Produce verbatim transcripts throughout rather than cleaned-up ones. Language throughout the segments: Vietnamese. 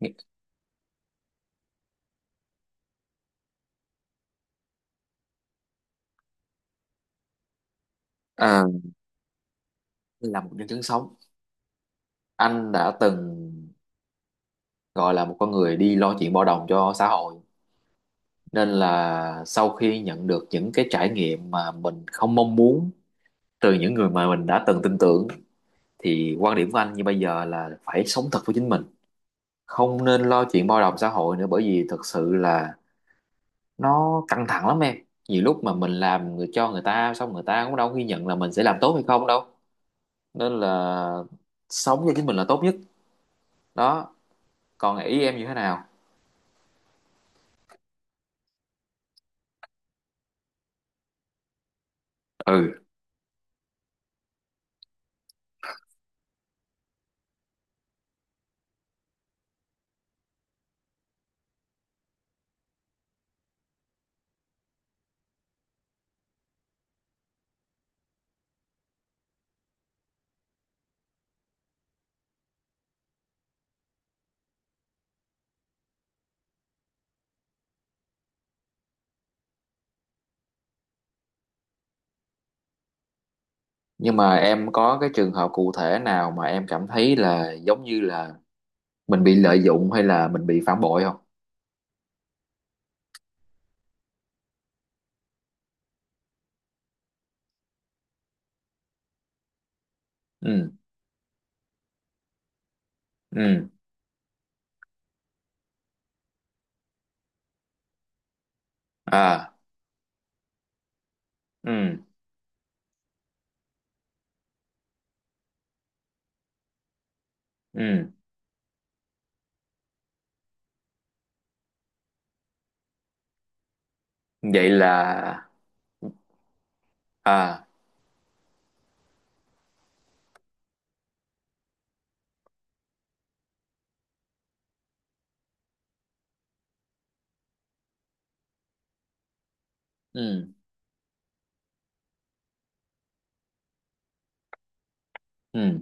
Nghĩ- À, là một nhân chứng sống, anh đã từng gọi là một con người đi lo chuyện bao đồng cho xã hội, nên là sau khi nhận được những cái trải nghiệm mà mình không mong muốn từ những người mà mình đã từng tin tưởng, thì quan điểm của anh như bây giờ là phải sống thật với chính mình, không nên lo chuyện bao đồng xã hội nữa, bởi vì thực sự là nó căng thẳng lắm em. Nhiều lúc mà mình làm người cho người ta xong, người ta cũng đâu ghi nhận là mình sẽ làm tốt hay không đâu, nên là sống cho chính mình là tốt nhất. Đó, còn ý em như thế nào? Ừ, nhưng mà em có cái trường hợp cụ thể nào mà em cảm thấy là giống như là mình bị lợi dụng hay là mình bị phản bội không? Ừ. Ừ. À. Ừ. Ừ. Vậy là... À. Ừ. Ừ.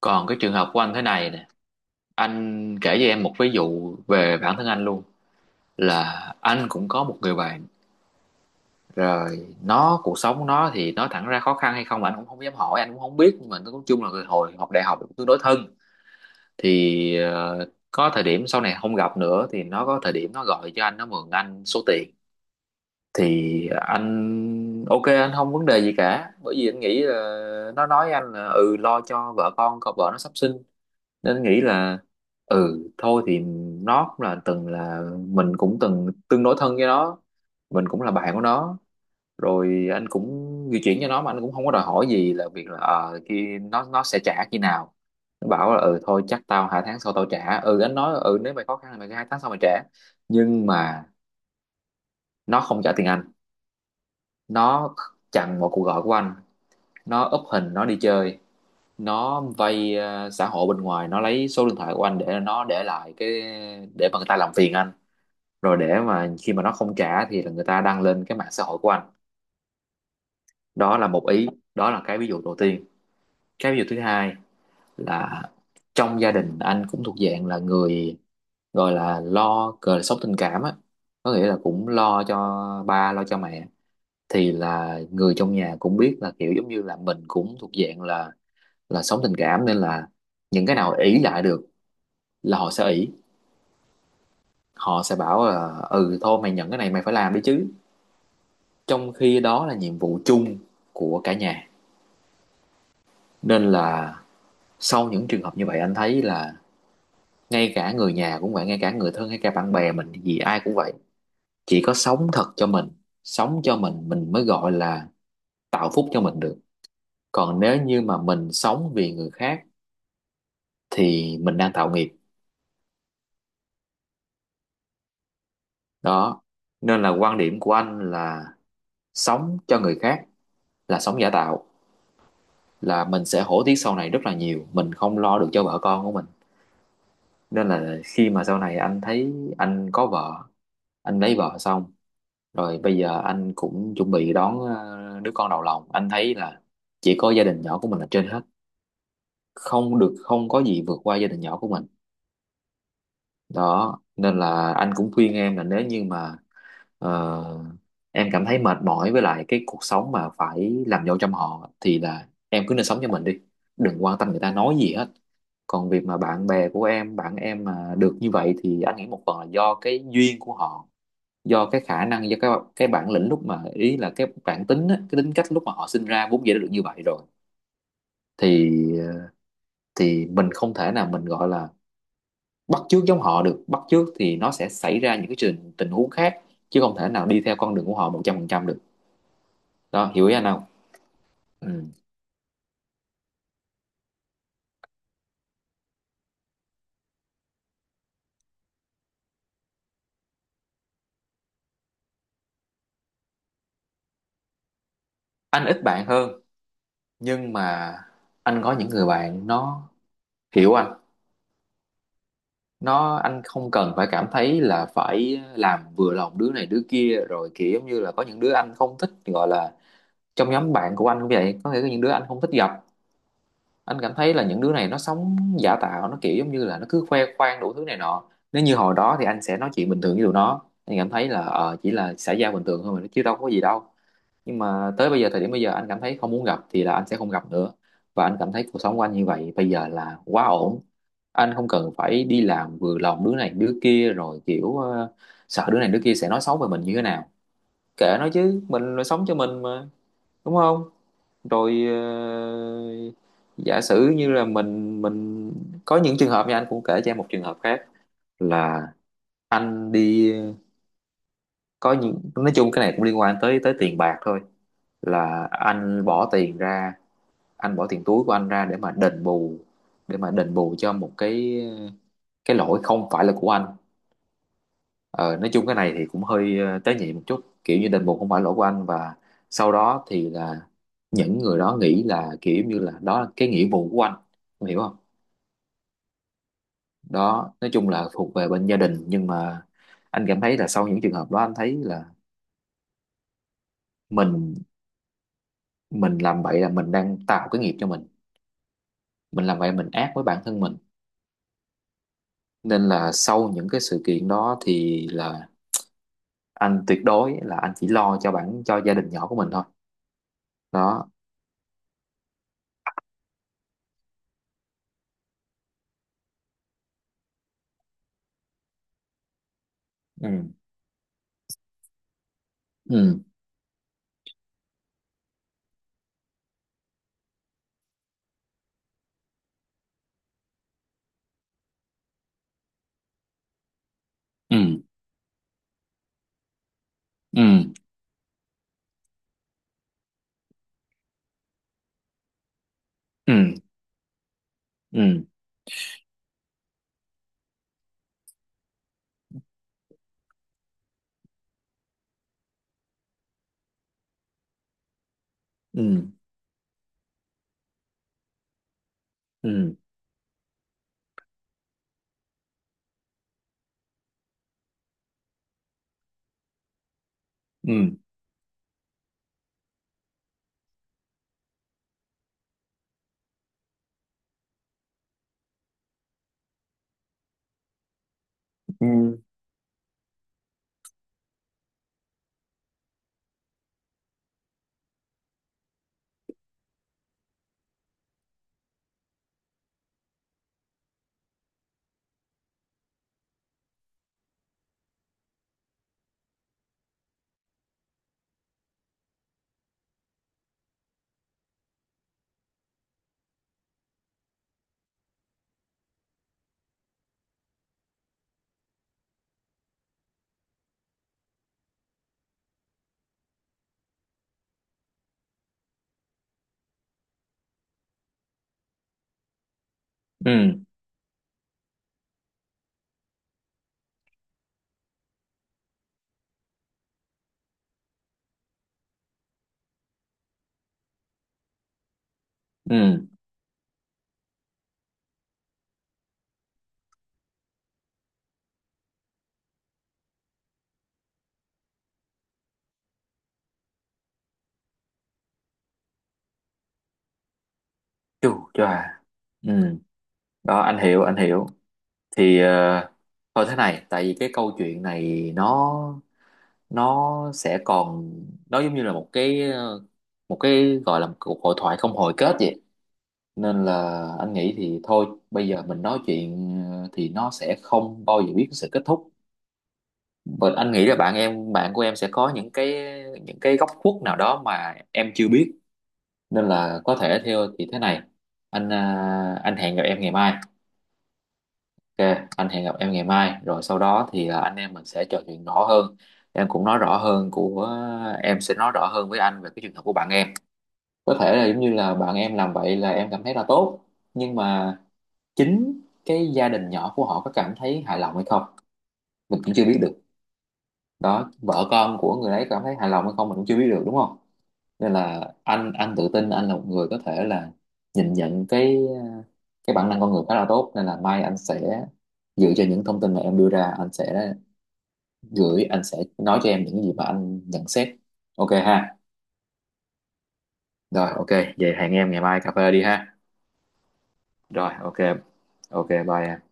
Còn cái trường hợp của anh thế này nè, anh kể cho em một ví dụ về bản thân anh luôn. Là anh cũng có một người bạn, rồi nó cuộc sống nó thì nói thẳng ra khó khăn hay không anh cũng không dám hỏi, anh cũng không biết, nhưng mà nói chung là hồi học đại học cũng tương đối thân. Thì ờ, có thời điểm sau này không gặp nữa, thì nó có thời điểm nó gọi cho anh, nó mượn anh số tiền. Thì anh ok, anh không vấn đề gì cả, bởi vì anh nghĩ là nó nói với anh là ừ lo cho vợ con, còn vợ nó sắp sinh. Nên anh nghĩ là ừ thôi thì nó cũng là từng là mình cũng từng tương đối thân với nó, mình cũng là bạn của nó. Rồi anh cũng di chuyển cho nó mà anh cũng không có đòi hỏi gì, là việc là ờ khi nó nó sẽ trả khi nào. Nó bảo là ừ thôi chắc tao hai tháng sau tao trả, ừ anh nói ừ nếu mày khó khăn thì mày cứ hai tháng sau mày trả. Nhưng mà nó không trả tiền anh. Nó chặn một cuộc gọi của anh, nó úp hình nó đi chơi. Nó vay ờ, xã hội bên ngoài, nó lấy số điện thoại của anh để nó để lại cái, để mà người ta làm phiền anh. Rồi để mà khi mà nó không trả thì là người ta đăng lên cái mạng xã hội của anh. Đó là một ý, đó là cái ví dụ đầu tiên. Cái ví dụ thứ hai là trong gia đình, anh cũng thuộc dạng là người gọi là lo cờ sốc tình cảm á, có nghĩa là cũng lo cho ba, lo cho mẹ. Thì là người trong nhà cũng biết là kiểu giống như là mình cũng thuộc dạng là là sống tình cảm, nên là những cái nào ỷ lại được là họ sẽ ỷ. Họ sẽ bảo là ừ thôi mày nhận cái này mày phải làm đi chứ, trong khi đó là nhiệm vụ chung của cả nhà. Nên là sau những trường hợp như vậy anh thấy là ngay cả người nhà cũng vậy, ngay cả người thân hay cả bạn bè mình thì ai cũng vậy. Chỉ có sống thật cho mình, sống cho mình mình mới gọi là tạo phúc cho mình được. Còn nếu như mà mình sống vì người khác thì mình đang tạo nghiệp. Đó nên là quan điểm của anh là sống cho người khác là sống giả tạo, là mình sẽ hổ tiếc sau này rất là nhiều, mình không lo được cho vợ con của mình. Nên là khi mà sau này anh thấy anh có vợ, anh lấy vợ xong rồi bây giờ anh cũng chuẩn bị đón ờ, đứa con đầu lòng. Anh thấy là chỉ có gia đình nhỏ của mình là trên hết, không được không có gì vượt qua gia đình nhỏ của mình. Đó nên là anh cũng khuyên em là nếu như mà ờ, em cảm thấy mệt mỏi với lại cái cuộc sống mà phải làm dâu trong họ thì là em cứ nên sống cho mình đi, đừng quan tâm người ta nói gì hết. Còn việc mà bạn bè của em, bạn em mà được như vậy thì anh nghĩ một phần là do cái duyên của họ, do cái khả năng, do cái cái bản lĩnh lúc mà ý là cái bản tính á, cái tính cách lúc mà họ sinh ra vốn dĩ đã được như vậy rồi. Thì ờ, thì mình không thể nào mình gọi là bắt chước giống họ được, bắt chước thì nó sẽ xảy ra những cái trình tình huống khác, chứ không thể nào đi theo con đường của họ một trăm phần trăm được. Đó hiểu ý anh không? Ừ. Anh ít bạn hơn, nhưng mà anh có những người bạn nó hiểu anh. Nó anh không cần phải cảm thấy là phải làm vừa lòng đứa này đứa kia rồi kiểu giống như là có những đứa anh không thích, gọi là trong nhóm bạn của anh cũng vậy, có nghĩa là những đứa anh không thích gặp. Anh cảm thấy là những đứa này nó sống giả tạo, nó kiểu giống như là nó cứ khoe khoang đủ thứ này nọ. Nếu như hồi đó thì anh sẽ nói chuyện bình thường với tụi nó, anh cảm thấy là ờ, chỉ là xã giao bình thường thôi mà chứ đâu có gì đâu. Nhưng mà tới bây giờ thời điểm bây giờ anh cảm thấy không muốn gặp thì là anh sẽ không gặp nữa. Và anh cảm thấy cuộc sống của anh như vậy bây giờ là quá ổn, anh không cần phải đi làm vừa lòng đứa này đứa kia rồi kiểu ờ, sợ đứa này đứa kia sẽ nói xấu về mình như thế nào. Kệ nó chứ, mình là sống cho mình mà, đúng không? Rồi ờ, giả sử như là mình mình có những trường hợp nha, anh cũng kể cho em một trường hợp khác. Là anh đi có những nói chung cái này cũng liên quan tới tới tiền bạc thôi. Là anh bỏ tiền ra, anh bỏ tiền túi của anh ra để mà đền bù, để mà đền bù cho một cái cái lỗi không phải là của anh. Ờ, nói chung cái này thì cũng hơi ờ, tế nhị một chút, kiểu như đền bù không phải lỗi của anh, và sau đó thì là những người đó nghĩ là kiểu như là đó là cái nghĩa vụ của anh. Em hiểu không? Đó nói chung là thuộc về bên gia đình, nhưng mà anh cảm thấy là sau những trường hợp đó anh thấy là mình mình làm vậy là mình đang tạo cái nghiệp cho mình mình làm vậy mình ác với bản thân mình. Nên là sau những cái sự kiện đó thì là anh tuyệt đối là anh chỉ lo cho bản cho gia đình nhỏ của mình thôi. Đó. Ừ. Ừ. Ừ. Ừ. Ừ. Ừ. Ừ. Ừ. Ừ. Ừ. Ừ. Ừ. Chu cho à. Ừ. Đó anh hiểu anh hiểu. Thì ờ, thôi thế này, tại vì cái câu chuyện này nó nó sẽ còn, nó giống như là một cái ờ, một cái gọi là một cuộc hội thoại không hồi kết vậy. Nên là anh nghĩ thì thôi bây giờ mình nói chuyện ờ, thì nó sẽ không bao giờ biết cái sự kết thúc. Và anh nghĩ là bạn em bạn của em sẽ có những cái những cái góc khuất nào đó mà em chưa biết. Nên là có thể theo thì thế này, anh à, anh hẹn gặp em ngày mai. Ok anh hẹn gặp em ngày mai, rồi sau đó thì à, anh em mình sẽ trò chuyện rõ hơn. Em cũng nói rõ hơn của Em sẽ nói rõ hơn với anh về cái trường hợp của bạn em. Có thể là giống như là bạn em làm vậy là em cảm thấy là tốt, nhưng mà chính cái gia đình nhỏ của họ có cảm thấy hài lòng hay không mình cũng chưa biết được. Đó vợ con của người đấy cảm thấy hài lòng hay không mình cũng chưa biết được, đúng không? Nên là anh anh tự tin anh là một người có thể là nhìn nhận cái cái bản năng con người khá là tốt. Nên là mai anh sẽ dựa trên những thông tin mà em đưa ra, anh sẽ gửi anh sẽ nói cho em những gì mà anh nhận xét. Ok ha? Rồi ok. Vậy hẹn em ngày mai cà phê đi ha. Rồi ok. Ok bye em.